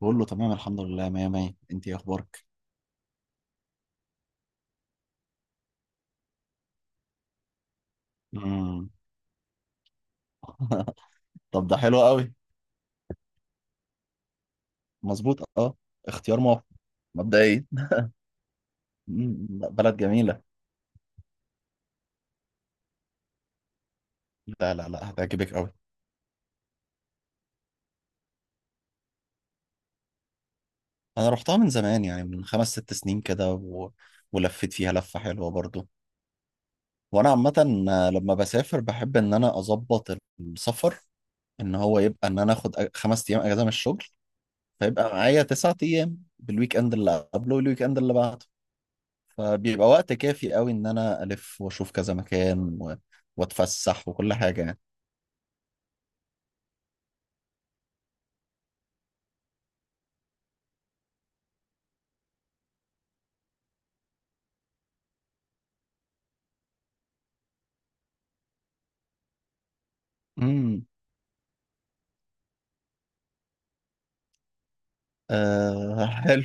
بقول له تمام، الحمد لله، مية مية. انت ايه اخبارك؟ مم. طب ده حلو قوي. مظبوط، اه. اختيار موفق. مبدئيا. مم، لا، بلد جميلة. لا لا لا، هتعجبك قوي. انا رحتها من زمان، يعني من 5 6 سنين كده، ولفيت فيها لفة حلوة برضو. وانا عامة، لما بسافر بحب ان انا اظبط السفر. ان هو يبقى ان انا اخد 5 ايام اجازة من الشغل. فيبقى معايا 9 ايام بالويك اند اللي قبله والويك اند اللي بعده. فبيبقى وقت كافي قوي ان انا الف واشوف كذا مكان، واتفسح وكل حاجه يعني. امم. آه، حلو.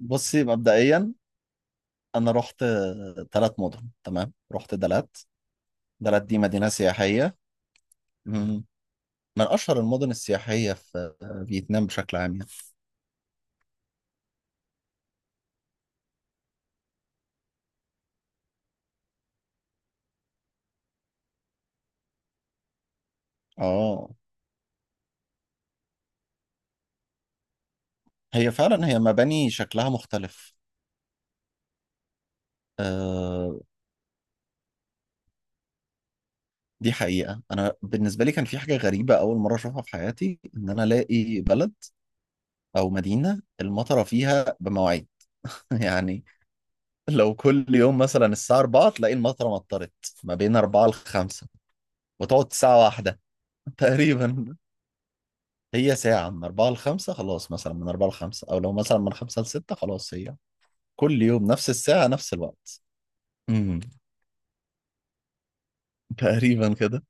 بصي مبدئيا. انا رحت 3 مدن. تمام. رحت دلات. دلات دي مدينه سياحيه. مم. من اشهر المدن السياحيه في فيتنام بشكل عام يعني. اه، هي فعلا هي مباني شكلها مختلف. آه، دي حقيقه، انا بالنسبه لي كان في حاجه غريبه اول مره اشوفها في حياتي، ان انا الاقي بلد او مدينه المطره فيها بمواعيد. يعني لو كل يوم مثلا الساعة 4 تلاقي المطرة مطرت. ما بين 4 ل 5. وتقعد ساعة واحدة. تقريبا. هي ساعة من 4 ل 5، خلاص، مثلا من 4 ل 5، أو لو مثلا من 5 ل 6، خلاص هي كل يوم نفس الساعة نفس الوقت. امم. تقريبا كده.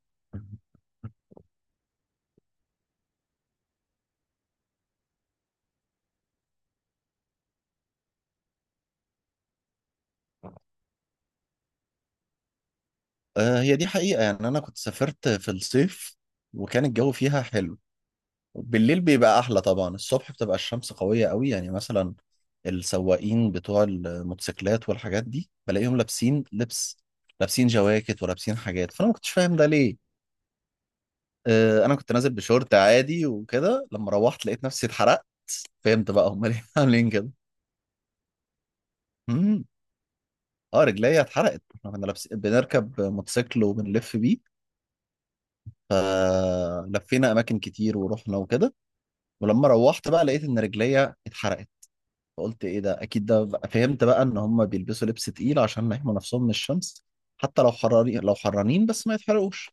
آه، هي دي حقيقة يعني، أنا كنت سافرت في الصيف، وكان الجو فيها حلو. بالليل بيبقى احلى طبعا. الصبح بتبقى الشمس قوية قوي، يعني مثلا السواقين بتوع الموتوسيكلات والحاجات دي بلاقيهم لابسين لبس. لابسين جواكت ولابسين حاجات، فانا ما كنتش فاهم ده ليه. انا كنت نازل بشورت عادي وكده، لما روحت لقيت نفسي اتحرقت. فهمت بقى هم ليه عاملين كده. امم. اه، رجليا اتحرقت. احنا كنا لابسين بنركب موتوسيكل وبنلف بيه. فلفينا اماكن كتير ورحنا وكده. ولما روحت بقى لقيت ان رجليا اتحرقت. فقلت ايه ده، اكيد فهمت بقى ان هم بيلبسوا لبس تقيل عشان يحموا نفسهم من الشمس. حتى لو حراري، لو حرانين، بس ما يتحرقوش.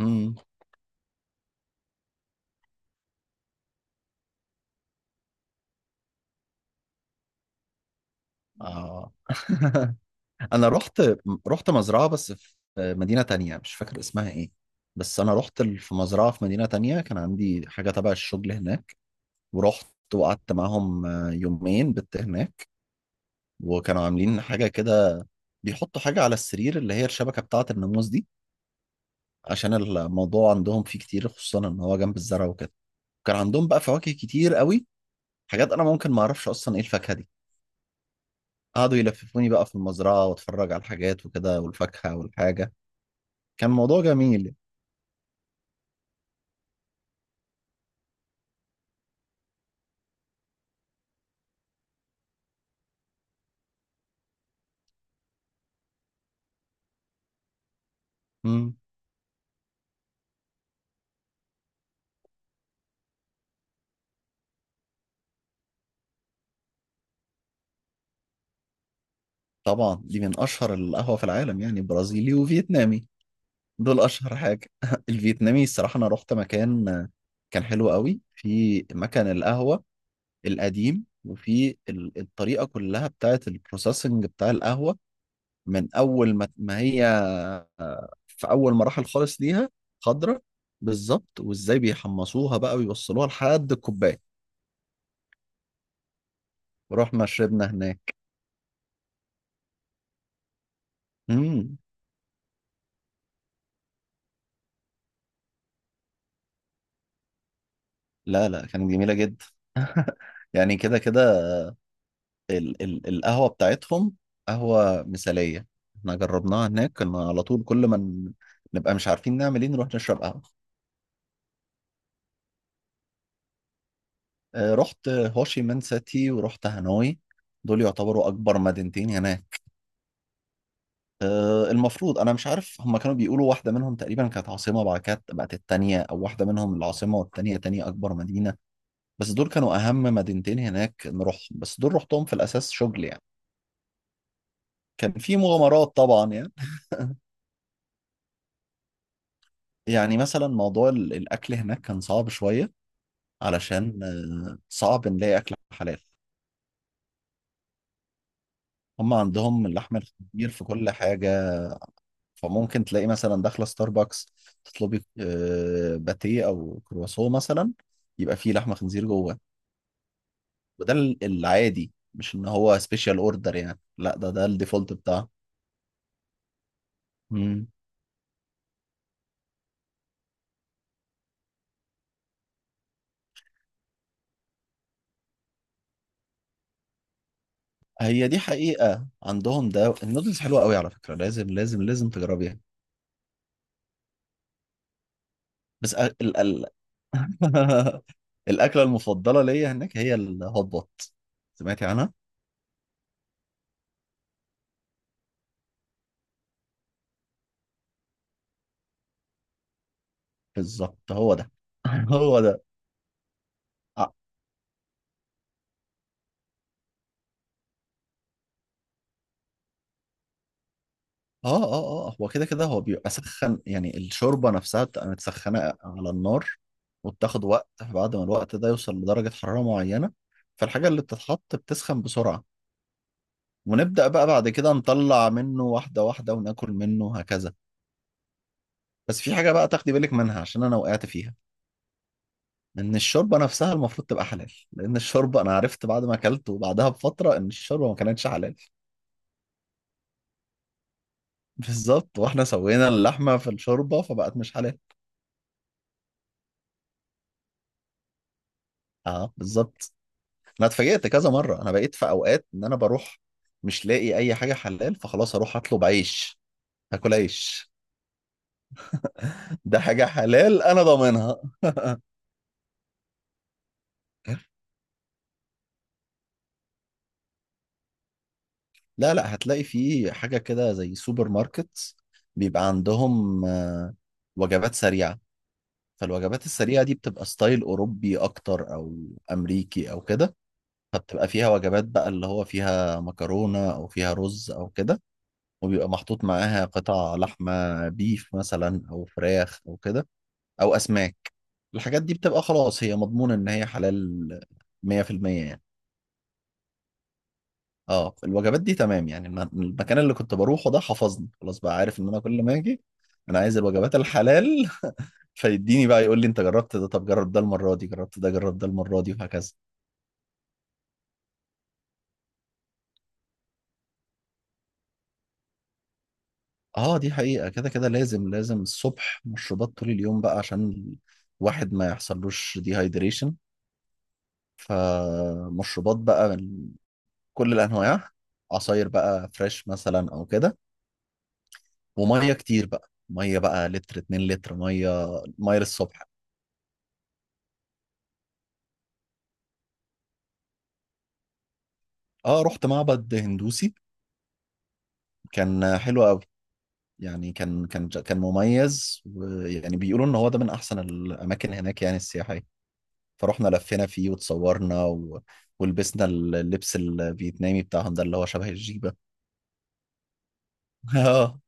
امم. آه. انا رحت مزرعة، بس في مدينة تانية مش فاكر اسمها ايه. بس انا رحت في مزرعة في مدينة تانية، كان عندي حاجة تبع الشغل هناك. ورحت وقعدت معاهم يومين بت هناك. وكانوا عاملين حاجة كده. بيحطوا حاجة على السرير، اللي هي الشبكة بتاعة الناموس دي. عشان الموضوع عندهم فيه كتير، خصوصا ان هو جنب الزرع وكده. كان عندهم بقى فواكه كتير قوي. حاجات انا ممكن ما اعرفش اصلا ايه الفاكهه دي. قعدوا يلففوني بقى في المزرعه واتفرج على الحاجات وكده والفاكهه والحاجه. كان موضوع جميل. امم. طبعا دي من اشهر القهوه في العالم، يعني برازيلي وفيتنامي. دول اشهر حاجه. الفيتنامي الصراحه، انا رحت مكان كان حلو قوي في مكان القهوه القديم، وفي الطريقه كلها بتاعت البروسيسنج بتاع القهوه، من اول ما هي في اول مراحل خالص ليها. خضرة. بالظبط. وازاي بيحمصوها بقى ويوصلوها لحد الكوبايه. ورحنا شربنا هناك. امم. لا لا، كانت جميله جدا. يعني كده كده، ال القهوه بتاعتهم قهوه مثاليه. احنا جربناها هناك، كنا على طول كل ما نبقى مش عارفين نعمل ايه نروح نشرب قهوه. رحت هوشي مان سيتي ورحت هانوي. دول يعتبروا اكبر مدينتين هناك. المفروض انا مش عارف، هما كانوا بيقولوا واحده منهم تقريبا كانت عاصمه بعد كده بقت التانيه، او واحده منهم العاصمه والتانيه تاني اكبر مدينه. بس دول كانوا اهم مدينتين هناك نروحهم، بس دول رحتهم في الاساس شغل يعني. كان في مغامرات طبعا يعني. يعني مثلا موضوع الاكل هناك كان صعب شويه، علشان صعب نلاقي اكل حلال. هما عندهم اللحم الخنزير في كل حاجه. فممكن تلاقي مثلا داخله ستاربكس تطلبي باتيه او كرواسون مثلا، يبقى فيه لحمه خنزير جوه. وده العادي، مش ان هو سبيشال اوردر يعني، لا ده الديفولت بتاعه. مم. هي دي حقيقة، عندهم ده النودلز حلوة قوي على فكرة، لازم لازم لازم تجربيها. بس أ- ال ال الأكلة المفضلة ليا هناك هي الهوت بوت. سمعتي عنها؟ بالظبط، هو ده. هو ده. اه اه اه، هو كده كده، هو بيبقى سخن يعني. الشوربة نفسها بتبقى متسخنة على النار، وبتاخد وقت. بعد ما الوقت ده يوصل لدرجة حرارة معينة، فالحاجة اللي بتتحط بتسخن بسرعة. ونبدأ بقى بعد كده نطلع منه واحدة واحدة وناكل منه هكذا. بس في حاجة بقى تاخدي بالك منها عشان أنا وقعت فيها. إن الشوربة نفسها المفروض تبقى حلال، لأن الشوربة أنا عرفت بعد ما أكلت وبعدها بفترة إن الشوربة ما كانتش حلال. بالظبط، وإحنا سوينا اللحمة في الشوربة فبقت مش حلال. اه، بالظبط. انا اتفاجئت كذا مره. انا بقيت في اوقات ان انا بروح مش لاقي اي حاجه حلال، فخلاص اروح اطلب عيش. هاكل عيش. ده حاجه حلال، انا ضامنها. لا لا، هتلاقي في حاجه كده زي سوبر ماركت. بيبقى عندهم وجبات سريعه. فالوجبات السريعه دي بتبقى ستايل اوروبي اكتر، او امريكي او كده. فبتبقى فيها وجبات بقى، اللي هو فيها مكرونه او فيها رز او كده. وبيبقى محطوط معاها قطع لحمه بيف مثلا، او فراخ او كده، او اسماك. الحاجات دي بتبقى خلاص هي مضمونة ان هي حلال 100% يعني. اه، الوجبات دي تمام يعني. المكان اللي كنت بروحه ده حفظني خلاص بقى، عارف ان انا كل ما اجي انا عايز الوجبات الحلال. فيديني بقى يقول لي انت جربت ده، طب جرب ده، المرة دي جربت ده، جرب ده، المرة دي وهكذا. اه، دي حقيقة كده كده، لازم لازم الصبح مشروبات طول اليوم بقى، عشان الواحد ما يحصلوش ديهايدريشن. فمشروبات بقى من كل الانواع. عصاير بقى فريش مثلا او كده، وميه كتير بقى، ميه بقى لتر 2 لتر ميه، ميه للصبح. اه، رحت معبد هندوسي كان حلو قوي. يعني كان مميز، ويعني بيقولوا ان هو ده من احسن الاماكن هناك يعني، السياحيه. فروحنا لفينا فيه وتصورنا، ولبسنا اللبس الفيتنامي بتاعهم ده اللي هو شبه الجيبه. اه.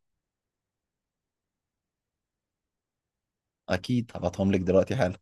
اكيد هبعتهم لك دلوقتي حالا.